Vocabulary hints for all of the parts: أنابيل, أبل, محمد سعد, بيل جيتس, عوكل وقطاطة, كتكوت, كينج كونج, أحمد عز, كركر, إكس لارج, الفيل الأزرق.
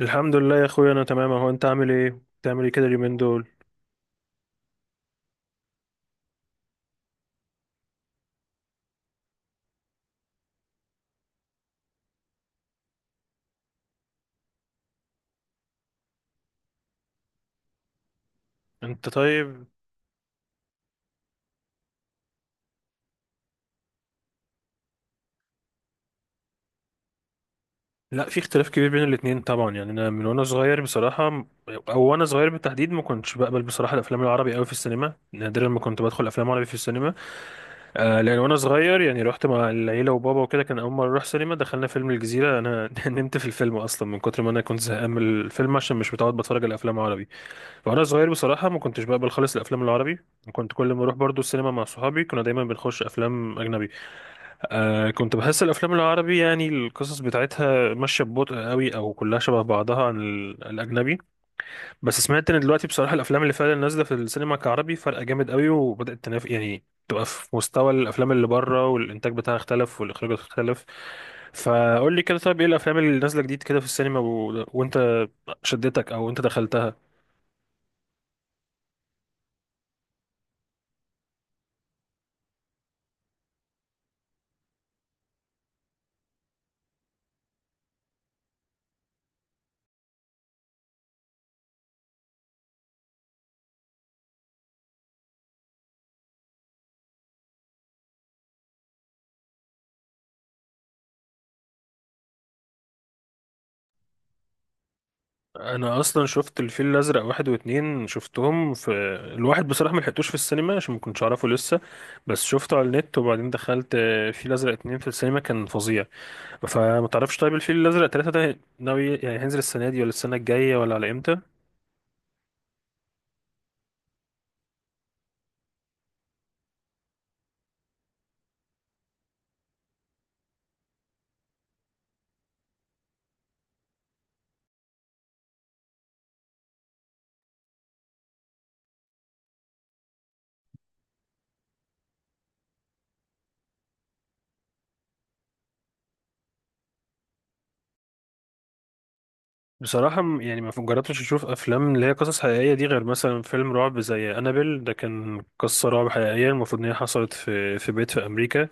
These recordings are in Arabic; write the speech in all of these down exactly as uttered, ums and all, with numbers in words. الحمد لله يا اخويا، انا تمام اهو. انت عامل ايه؟ بتعمل ايه كده اليومين دول؟ انت طيب؟ لا، في اختلاف كبير بين الاتنين طبعا. يعني انا من وانا صغير بصراحه م- او وانا صغير بالتحديد ما كنتش بقبل بصراحه الافلام العربي قوي في السينما، نادرا ما كنت بدخل افلام عربي في السينما. آه، لان وانا صغير يعني رحت مع العيله وبابا وكده، كان اول مره اروح سينما دخلنا فيلم الجزيره، انا نمت في الفيلم اصلا من كتر ما انا كنت زهقان من الفيلم عشان مش متعود بتفرج على الافلام العربي. فانا صغير بصراحه ما كنتش بقبل خالص الافلام العربي، كنت كل ما اروح برضو السينما مع صحابي كنا دايما بنخش افلام اجنبي. آه، كنت بحس الافلام العربي يعني القصص بتاعتها ماشيه ببطء قوي، او كلها شبه بعضها عن ال- الاجنبي. بس سمعت ان دلوقتي بصراحه الافلام اللي فعلا نازله في السينما كعربي فرق جامد قوي، وبدات تنافس يعني تبقى في مستوى الافلام اللي بره، والانتاج بتاعها اختلف والاخراج اختلف. فقول لي كده، طيب ايه الافلام اللي نازله جديد كده في السينما و... وانت شدتك او انت دخلتها؟ انا اصلا شفت الفيل الازرق واحد واتنين شفتهم. في الواحد بصراحه ما لحقتوش في السينما عشان ما كنتش اعرفه لسه، بس شفته على النت. وبعدين دخلت آه، فيل الازرق اتنين في السينما كان فظيع. فما تعرفش طيب الفيل الازرق تلاتة ده ناوي يعني هينزل السنه دي ولا السنه الجايه ولا على امتى؟ بصراحه م- يعني ما جربتش اشوف افلام اللي هي قصص حقيقيه دي غير مثلا فيلم رعب زي انابيل، ده كان قصه رعب حقيقيه المفروض ان هي حصلت في في بيت في امريكا.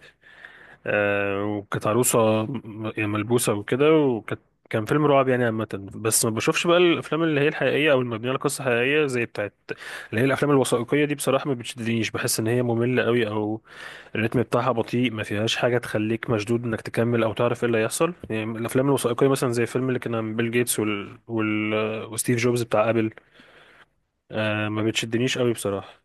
آه، وكانت عروسة م- يعني ملبوسة وكده، وكان كان فيلم رعب يعني عامة. بس ما بشوفش بقى الأفلام اللي هي الحقيقية أو المبنية على قصة حقيقية زي بتاعت اللي هي الأفلام الوثائقية دي، بصراحة ما بتشدنيش. بحس إن هي مملة قوي، أو الريتم بتاعها بطيء، ما فيهاش حاجة تخليك مشدود إنك تكمل أو تعرف إيه اللي هيحصل. يعني الأفلام الوثائقية مثلا زي الفيلم اللي كان عن بيل جيتس وال... وال... وستيف جوبز بتاع أبل، آه ما بتشدنيش قوي بصراحة.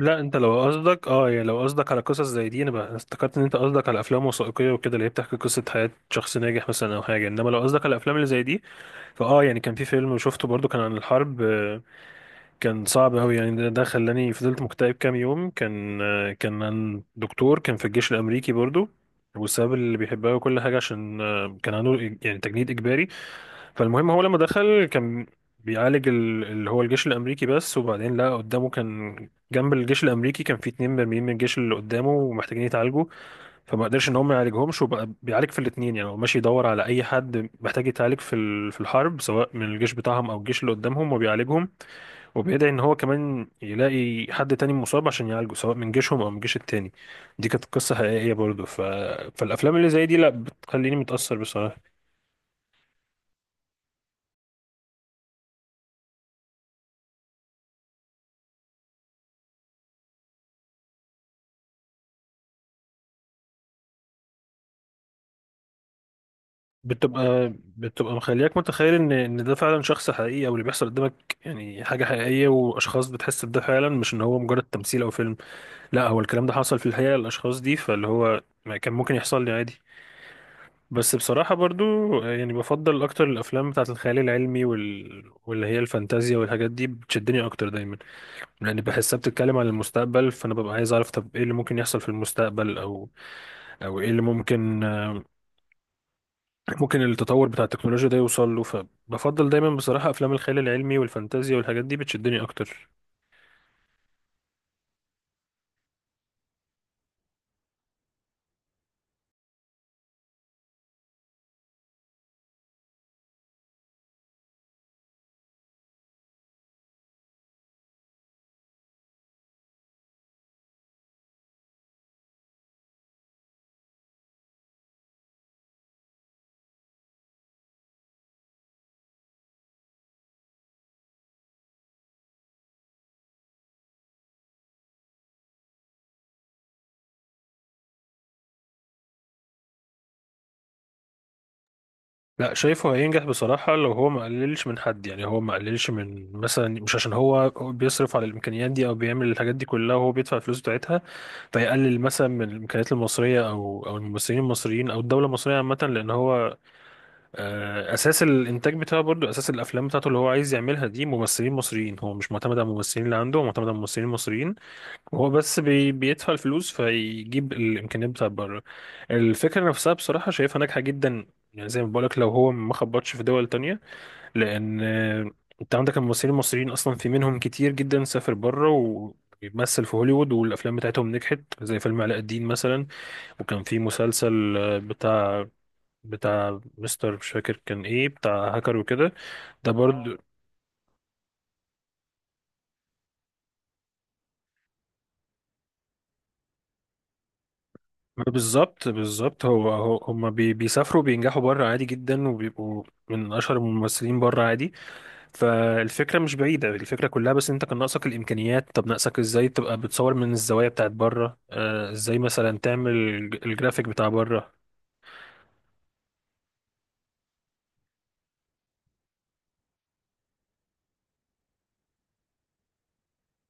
لا، انت لو قصدك اه يعني لو قصدك على قصص زي دي، انا بقى افتكرت ان انت قصدك على افلام وثائقيه وكده اللي هي بتحكي قصه حياه شخص ناجح مثلا او حاجه، انما لو قصدك على الافلام اللي زي دي فاه يعني كان في فيلم شفته برضو كان عن الحرب، آه، كان صعب قوي. يعني ده ده خلاني فضلت مكتئب كام يوم. كان آه، كان عن دكتور كان في الجيش الامريكي برضو، والسبب اللي بيحبها وكل حاجه عشان آه، كان عنده يعني تجنيد اجباري. فالمهم هو لما دخل كان بيعالج ال- اللي هو الجيش الامريكي بس، وبعدين لقى قدامه كان جنب الجيش الامريكي كان في اتنين مرميين من الجيش اللي قدامه ومحتاجين يتعالجوا. فما قدرش ان هم يعالجهمش، وبقى بيعالج في الاتنين. يعني هو ماشي يدور على اي حد محتاج يتعالج في ال- في الحرب سواء من الجيش بتاعهم او الجيش اللي قدامهم، وبيعالجهم. وبيدعي ان هو كمان يلاقي حد تاني مصاب عشان يعالجه سواء من جيشهم او من الجيش التاني. دي كانت قصة حقيقية برضه. ف... فالافلام اللي زي دي لا، بتخليني متأثر بصراحة. بتبقى بتبقى مخلياك متخيل ان ان ده فعلا شخص حقيقي، او اللي بيحصل قدامك يعني حاجه حقيقيه واشخاص، بتحس بده فعلا مش ان هو مجرد تمثيل او فيلم. لا، هو الكلام ده حصل في الحقيقه للاشخاص دي، فاللي هو ما كان ممكن يحصل لي عادي. بس بصراحه برضو يعني بفضل اكتر الافلام بتاعه الخيال العلمي وال... واللي هي الفانتازيا والحاجات دي بتشدني اكتر دايما. لان بحسها بتتكلم عن المستقبل، فانا ببقى عايز اعرف طب ايه اللي ممكن يحصل في المستقبل، او او ايه اللي ممكن ممكن التطور بتاع التكنولوجيا ده يوصل له. فبفضل دايما بصراحة أفلام الخيال العلمي والفانتازيا والحاجات دي بتشدني أكتر. لا شايفه هينجح بصراحة لو هو ما قللش من حد. يعني هو ما قللش من مثلا، مش عشان هو بيصرف على الإمكانيات دي أو بيعمل الحاجات دي كلها وهو بيدفع الفلوس بتاعتها، فيقلل مثلا من الإمكانيات المصرية أو أو الممثلين المصريين أو الدولة المصرية عامة. لأن هو آه، أساس الإنتاج بتاعه برضه أساس الأفلام بتاعته اللي هو عايز يعملها دي ممثلين مصريين. هو مش معتمد على الممثلين اللي عنده، هو معتمد على ممثلين مصريين. هو بس بي بيدفع الفلوس فيجيب الامكانيات بتاعت بره. الفكره نفسها بصراحه شايفها ناجحه جدا. يعني زي ما بقولك لو هو ما خبطش في دول تانية، لان آه، انت عندك الممثلين المصريين اصلا، في منهم كتير جدا سافر بره وبيمثل في هوليوود، والافلام بتاعتهم نجحت زي فيلم علاء الدين مثلا. وكان في مسلسل آه، بتاع بتاع مستر مش فاكر كان ايه، بتاع هاكر وكده، ده برضو. بالظبط بالظبط، هو هو هم بي بيسافروا بينجحوا بره عادي جدا، وبيبقوا من اشهر الممثلين بره عادي. فالفكره مش بعيده، الفكره كلها بس انت كان ناقصك الامكانيات. طب ناقصك ازاي تبقى بتصور من الزوايا بتاعت بره، آه ازاي مثلا تعمل الج- الجرافيك بتاع بره.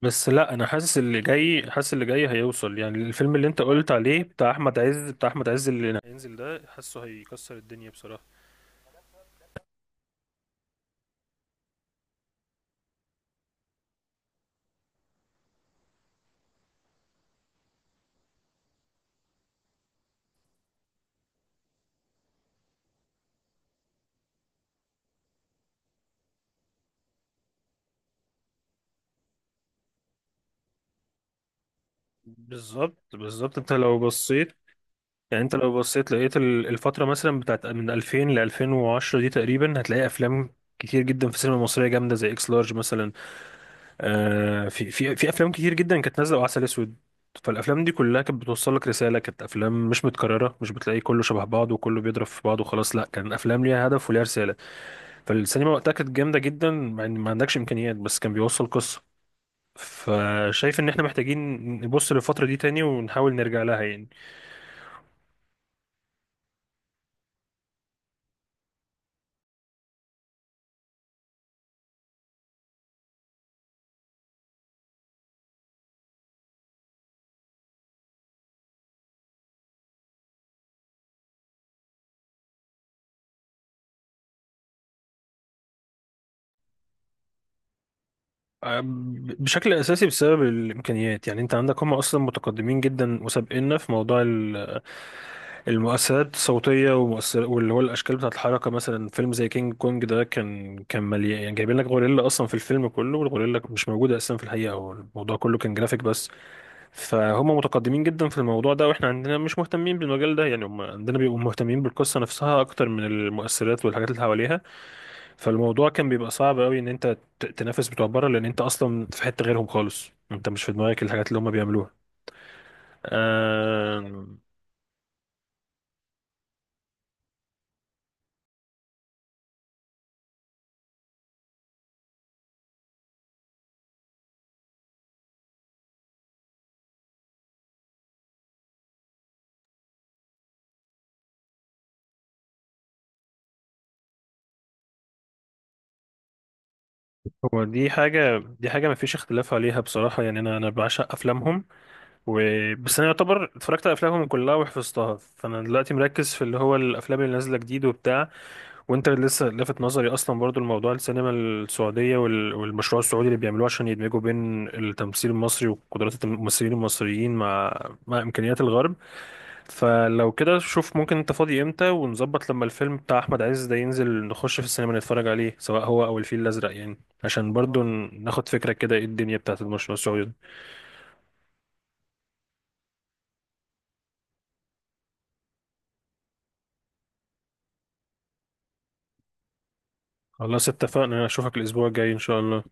بس لا، انا حاسس اللي جاي، حاسس اللي جاي هيوصل. يعني الفيلم اللي انت قلت عليه بتاع احمد عز بتاع احمد عز اللي هينزل ده حاسه هيكسر الدنيا بصراحه. بالظبط بالظبط، انت لو بصيت يعني انت لو بصيت لقيت ال- الفترة مثلا بتاعت من ألفين ل ألفين وعشرة دي تقريبا، هتلاقي افلام كتير جدا في السينما المصرية جامدة زي اكس لارج مثلا. آه، في في في افلام كتير جدا كانت نازلة وعسل اسود. فالافلام دي كلها كانت بتوصل لك رسالة، كانت افلام مش متكررة، مش بتلاقي كله شبه بعض وكله بيضرب في بعض وخلاص. لا، كان افلام ليها هدف وليها رسالة. فالسينما وقتها كانت جامدة جدا مع ان ما عندكش امكانيات بس كان بيوصل قصة. فشايف ان احنا محتاجين نبص للفترة دي تاني ونحاول نرجع لها يعني. بشكل اساسي بسبب الامكانيات. يعني انت عندك هم اصلا متقدمين جدا وسابقنا في موضوع ال- المؤثرات الصوتيه ومؤثر، واللي هو الاشكال بتاعه الحركه. مثلا فيلم زي كينج كونج ده كان كان مليان، يعني جايبين لك غوريلا اصلا في الفيلم كله، والغوريلا مش موجوده اصلا في الحقيقه، هو الموضوع كله كان جرافيك بس. فهم متقدمين جدا في الموضوع ده، واحنا عندنا مش مهتمين بالمجال ده. يعني هم عندنا بيبقوا مهتمين بالقصه نفسها اكتر من المؤثرات والحاجات اللي حواليها. فالموضوع كان بيبقى صعب قوي ان انت ت- تنافس بتوع بره، لان انت اصلا في حته غيرهم خالص، انت مش في دماغك الحاجات اللي هم بيعملوها. آه، هو دي حاجه دي حاجه ما فيش اختلاف عليها بصراحه. يعني انا انا بعشق افلامهم. و... بس انا يعتبر اتفرجت على افلامهم كلها وحفظتها، فانا دلوقتي مركز في اللي هو الافلام اللي نازله جديد وبتاع. وانت لسه لافت نظري اصلا برضو الموضوع السينما السعوديه وال... والمشروع السعودي اللي بيعملوه عشان يدمجوا بين التمثيل المصري وقدرات الممثلين المصريين مع مع امكانيات الغرب. فلو كده شوف ممكن انت فاضي امتى، ونظبط لما الفيلم بتاع احمد عز ده ينزل نخش في السينما نتفرج عليه سواء هو او الفيل الازرق، يعني عشان برضو ن- ناخد فكرة كده ايه الدنيا بتاعت المشروع السعودي. خلاص اتفقنا، اشوفك الاسبوع الجاي ان شاء الله.